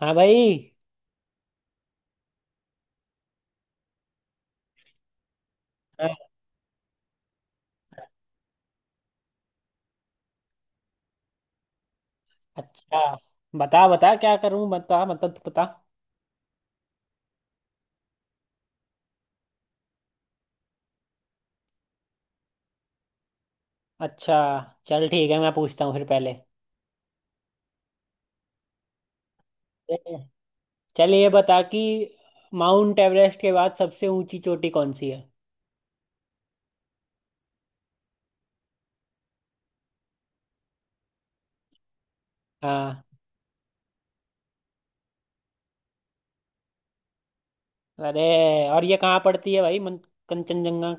हाँ भाई। हाँ। अच्छा, बता बता, क्या करूं बता, मतलब तू बता। अच्छा, चल ठीक है, मैं पूछता हूँ फिर पहले। ठीक है। चल ये बता कि माउंट एवरेस्ट के बाद सबसे ऊंची चोटी कौन सी है। हाँ। अरे, और ये कहाँ पड़ती है भाई? कंचनजंगा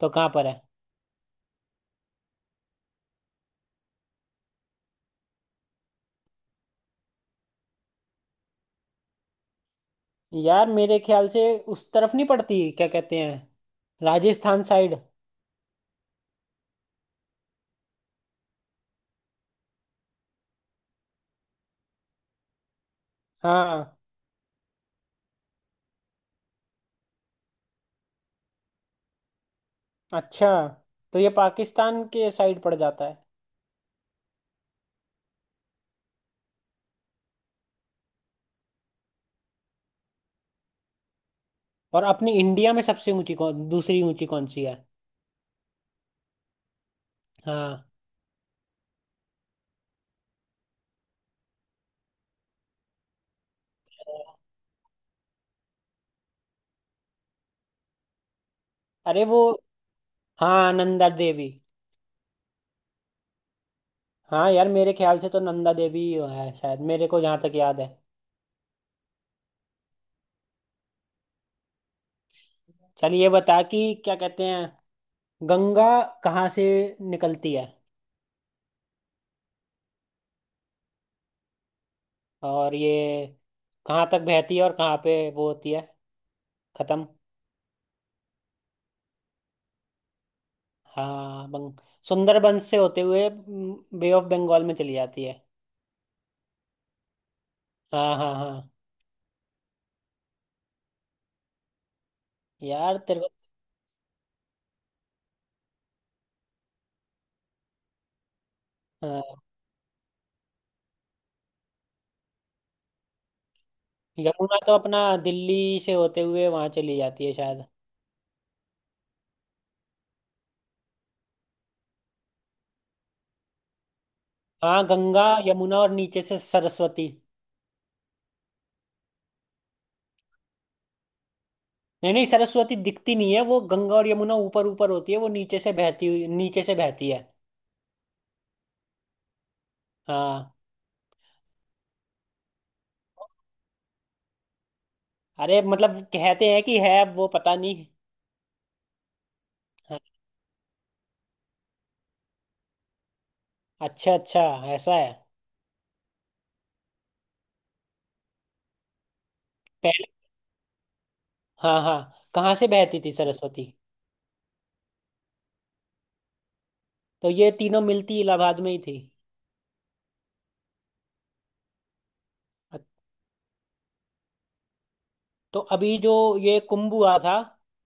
तो कहाँ पर है? यार मेरे ख्याल से उस तरफ नहीं पड़ती, क्या कहते हैं, राजस्थान साइड। हाँ, अच्छा, तो ये पाकिस्तान के साइड पड़ जाता है। और अपनी इंडिया में सबसे ऊंची कौन, दूसरी ऊंची कौन सी है? हाँ, अरे वो, हाँ नंदा देवी। हाँ यार, मेरे ख्याल से तो नंदा देवी ही है शायद, मेरे को जहाँ तक याद है। चल ये बता कि, क्या कहते हैं, गंगा कहाँ से निकलती है? और ये कहाँ तक बहती है और कहाँ पे वो होती है खत्म? हाँ बंग सुंदरबन से होते हुए बे ऑफ बंगाल में चली जाती है। हाँ हाँ हाँ। यार तेरे को। हाँ, यमुना तो अपना दिल्ली से होते हुए वहां चली जाती है शायद। हाँ, गंगा यमुना और नीचे से सरस्वती। नहीं नहीं, सरस्वती दिखती नहीं है, वो गंगा और यमुना ऊपर ऊपर होती है, वो नीचे से बहती हुई, नीचे से बहती है। हाँ। अरे मतलब कहते हैं कि है, अब वो पता नहीं। हाँ, अच्छा अच्छा, ऐसा है। पहले, हाँ हाँ, कहाँ से बहती थी सरस्वती? तो ये तीनों मिलती इलाहाबाद में ही थी। अ- तो अभी जो ये कुंभ हुआ था,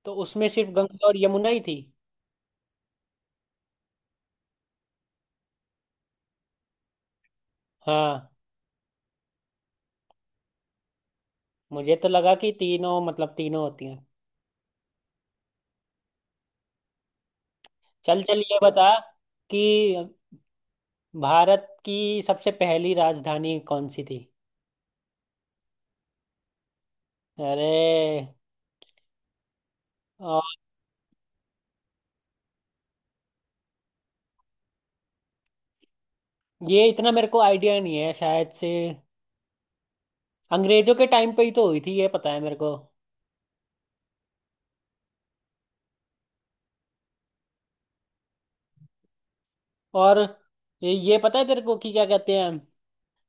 तो उसमें सिर्फ गंगा और यमुना ही थी। हाँ, मुझे तो लगा कि तीनों, मतलब तीनों होती हैं। चल चल ये बता कि भारत की सबसे पहली राजधानी कौन सी थी? अरे। आ, ये इतना मेरे को आइडिया नहीं है शायद से। अंग्रेजों के टाइम पे ही तो हुई थी ये पता है मेरे को। और ये पता है तेरे को कि, क्या कहते हैं,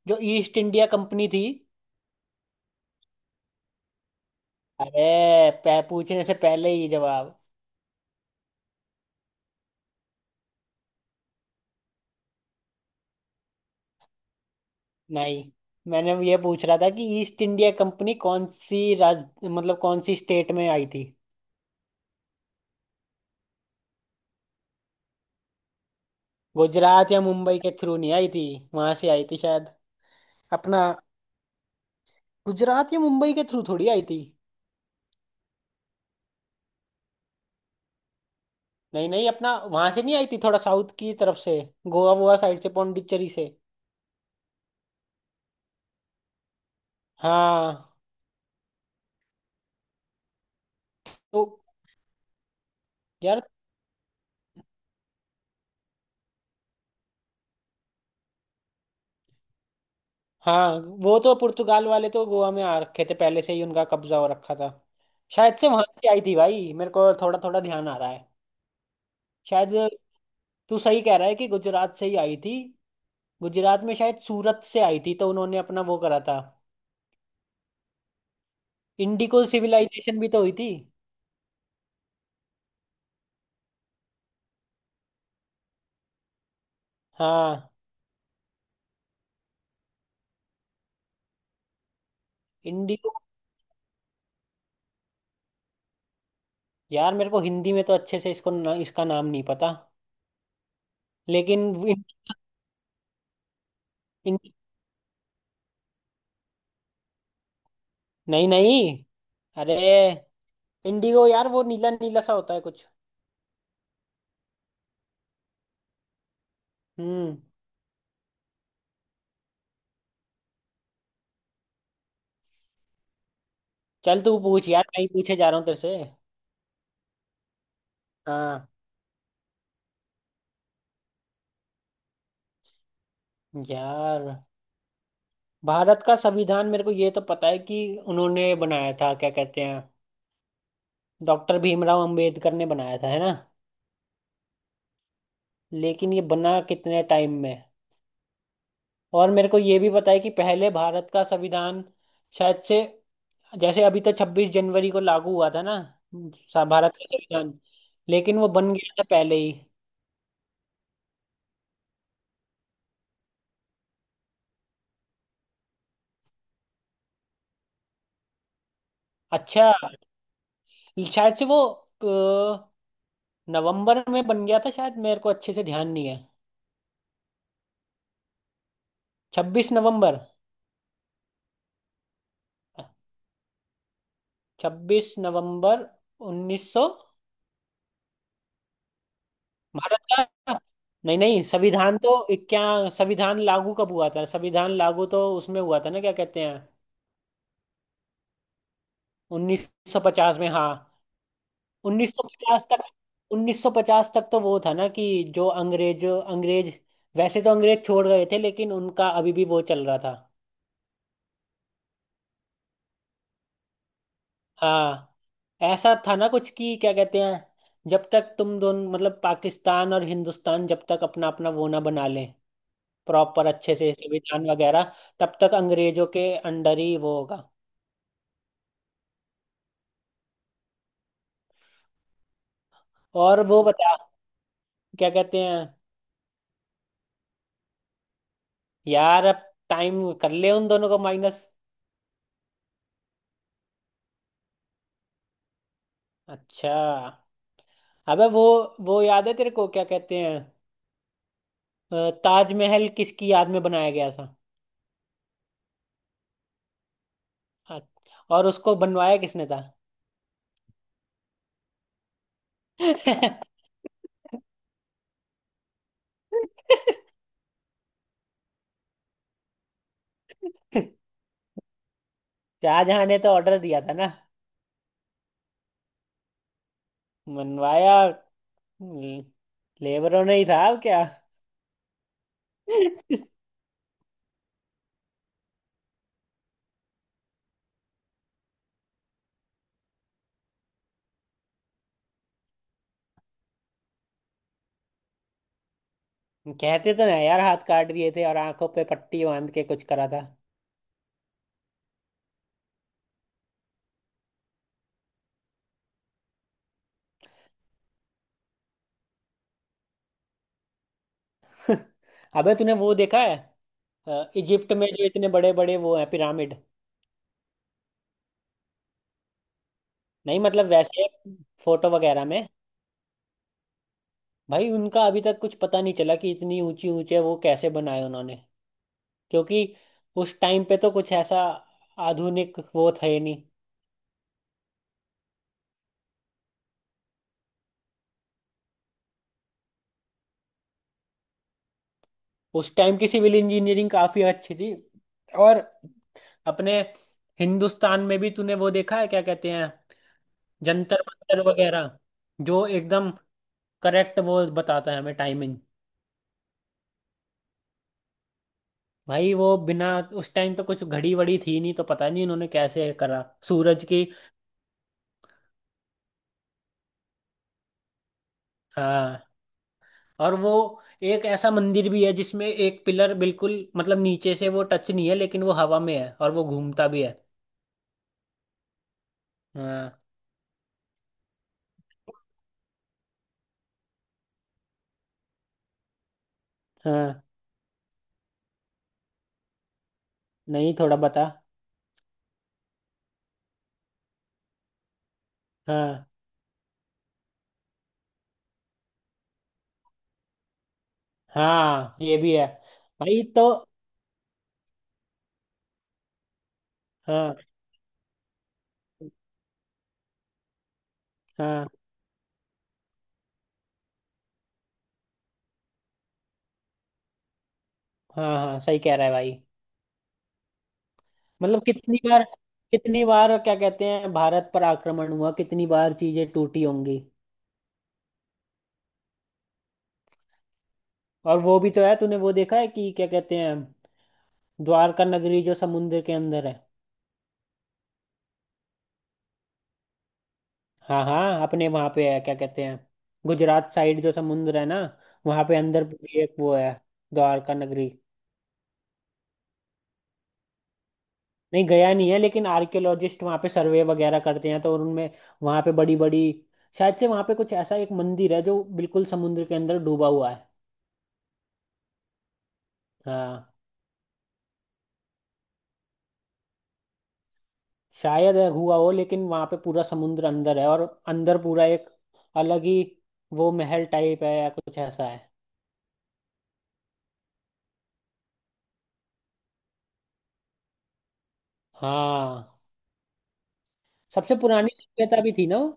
जो ईस्ट इंडिया कंपनी थी। अरे पूछने से पहले ही जवाब। नहीं, मैंने ये पूछ रहा था कि ईस्ट इंडिया कंपनी कौन सी राज, मतलब कौन सी स्टेट में आई थी। गुजरात या मुंबई के थ्रू नहीं आई थी, वहां से आई थी शायद। अपना, गुजरात या मुंबई के थ्रू थोड़ी आई थी। नहीं नहीं, अपना वहां से नहीं आई थी, थोड़ा साउथ की तरफ से, गोवा वोवा साइड से, पौंडीचेरी से। हाँ। तो यार। हाँ, वो तो पुर्तगाल वाले तो गोवा में आ रखे थे पहले से ही, उनका कब्जा हो रखा था। शायद से वहां से आई थी भाई, मेरे को थोड़ा थोड़ा ध्यान आ रहा है। शायद, तू सही कह रहा है कि गुजरात से ही आई थी। गुजरात में शायद सूरत से आई थी, तो उन्होंने अपना वो करा था। इंडिको सिविलाइजेशन भी तो हुई थी। हाँ, इंडिको। यार मेरे को हिंदी में तो अच्छे से इसको ना, इसका नाम नहीं पता। लेकिन, इन- नहीं नहीं, अरे, इंडिगो यार वो नीला नीला सा होता है कुछ। हम्म। चल तू पूछ यार, मैं ही पूछे जा रहा हूँ तेरे से। हाँ। यार, भारत का संविधान मेरे को ये तो पता है कि उन्होंने बनाया था, क्या कहते हैं, डॉक्टर भीमराव अंबेडकर ने बनाया था है ना। लेकिन ये बना कितने टाइम में? और मेरे को ये भी पता है कि पहले भारत का संविधान शायद से, जैसे अभी तो 26 जनवरी को लागू हुआ था ना, भारत का संविधान। लेकिन वो बन गया था पहले ही। अच्छा, शायद से वो, अ, नवंबर में बन गया था शायद, मेरे को अच्छे से ध्यान नहीं है। 26 नवंबर। 26 नवंबर 1900। भारत का, नहीं नहीं संविधान तो, क्या, संविधान लागू कब हुआ था? संविधान लागू तो उसमें हुआ था ना, क्या कहते हैं, 1950 में। हाँ, 1950 तक। 1950 तक तो वो था ना कि जो अंग्रेज अंग्रेज, वैसे तो अंग्रेज छोड़ गए थे, लेकिन उनका अभी भी वो चल रहा था। हाँ, ऐसा था ना कुछ कि, क्या कहते हैं, जब तक तुम दोनों, मतलब पाकिस्तान और हिंदुस्तान, जब तक अपना अपना वो ना बना लें, प्रॉपर अच्छे से संविधान वगैरह, तब तक अंग्रेजों के अंडर ही वो होगा। और वो बता, क्या कहते हैं। यार अब, टाइम कर ले उन दोनों को माइनस। अच्छा। अबे वो याद है तेरे को, क्या कहते हैं, ताजमहल किसकी याद में बनाया गया था? अ- और उसको बनवाया किसने था? शाहजहां ने तो ऑर्डर दिया था ना। मनवाया, ल- लेबरों ने ही था अब क्या। कहते तो ना यार, हाथ काट दिए थे और आंखों पे पट्टी बांध के कुछ करा था। अबे तूने वो देखा है, इजिप्ट में जो इतने बड़े बड़े वो हैं, पिरामिड। नहीं मतलब वैसे, फोटो वगैरह में। भाई उनका अभी तक कुछ पता नहीं चला कि इतनी ऊंची ऊंचे वो कैसे बनाए उन्होंने, क्योंकि उस टाइम पे तो कुछ ऐसा आधुनिक वो थे नहीं। उस टाइम की सिविल इंजीनियरिंग काफी अच्छी थी। और अपने हिंदुस्तान में भी तूने वो देखा है, क्या कहते हैं, जंतर मंतर वगैरह, जो एकदम करेक्ट वो बताता है हमें, टाइमिंग। भाई वो बिना, उस टाइम तो कुछ घड़ी वड़ी थी नहीं, तो पता नहीं उन्होंने कैसे करा, सूरज की। हाँ, और वो एक ऐसा मंदिर भी है जिसमें एक पिलर बिल्कुल, मतलब नीचे से वो टच नहीं है लेकिन वो हवा में है, और वो घूमता भी है। हाँ। हाँ, नहीं थोड़ा बता। हाँ। हाँ, ये भी है। भाई तो, हाँ हाँ हाँ। हाँ सही कह रहा है भाई। मतलब कितनी बार, कितनी बार, क्या कहते हैं, भारत पर आक्रमण हुआ, कितनी बार चीजें टूटी होंगी। और वो भी तो है, तूने वो देखा है कि, क्या कहते हैं, द्वारका नगरी जो समुद्र के अंदर है। हाँ हाँ, अपने वहां पे है, क्या कहते हैं, गुजरात साइड जो समुद्र है ना, वहां पे अंदर भी एक वो है, द्वारका नगरी। नहीं गया नहीं है, लेकिन आर्कियोलॉजिस्ट वहाँ पे सर्वे वगैरह करते हैं, तो उनमें वहाँ पे बड़ी बड़ी, शायद से वहाँ पे कुछ ऐसा एक मंदिर है जो बिल्कुल समुद्र के अंदर डूबा हुआ है। हाँ, शायद है हुआ हो, लेकिन वहाँ पे पूरा समुद्र अंदर है, और अंदर पूरा एक अलग ही वो, महल टाइप है या कुछ ऐसा है। हाँ, सबसे पुरानी सभ्यता भी थी ना वो।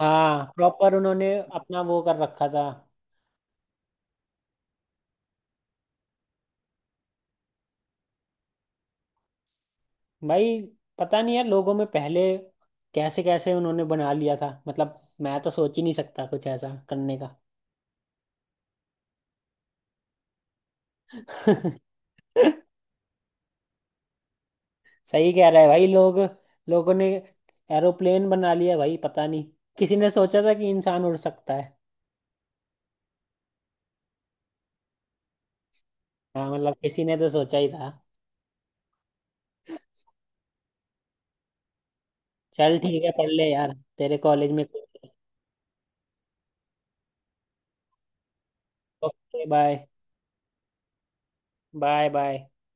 हाँ प्रॉपर उन्होंने अपना वो कर रखा था। भाई पता नहीं यार, लोगों में पहले कैसे कैसे उन्होंने बना लिया था, मतलब मैं तो सोच ही नहीं सकता कुछ ऐसा करने का। सही कह रहा है भाई। लोग, लोगों ने एरोप्लेन बना लिया भाई, पता नहीं किसी ने सोचा था कि इंसान उड़ सकता है। हाँ मतलब किसी ने तो सोचा ही था। चल ठीक है, पढ़ ले यार तेरे कॉलेज में। Okay, bye bye. बाय।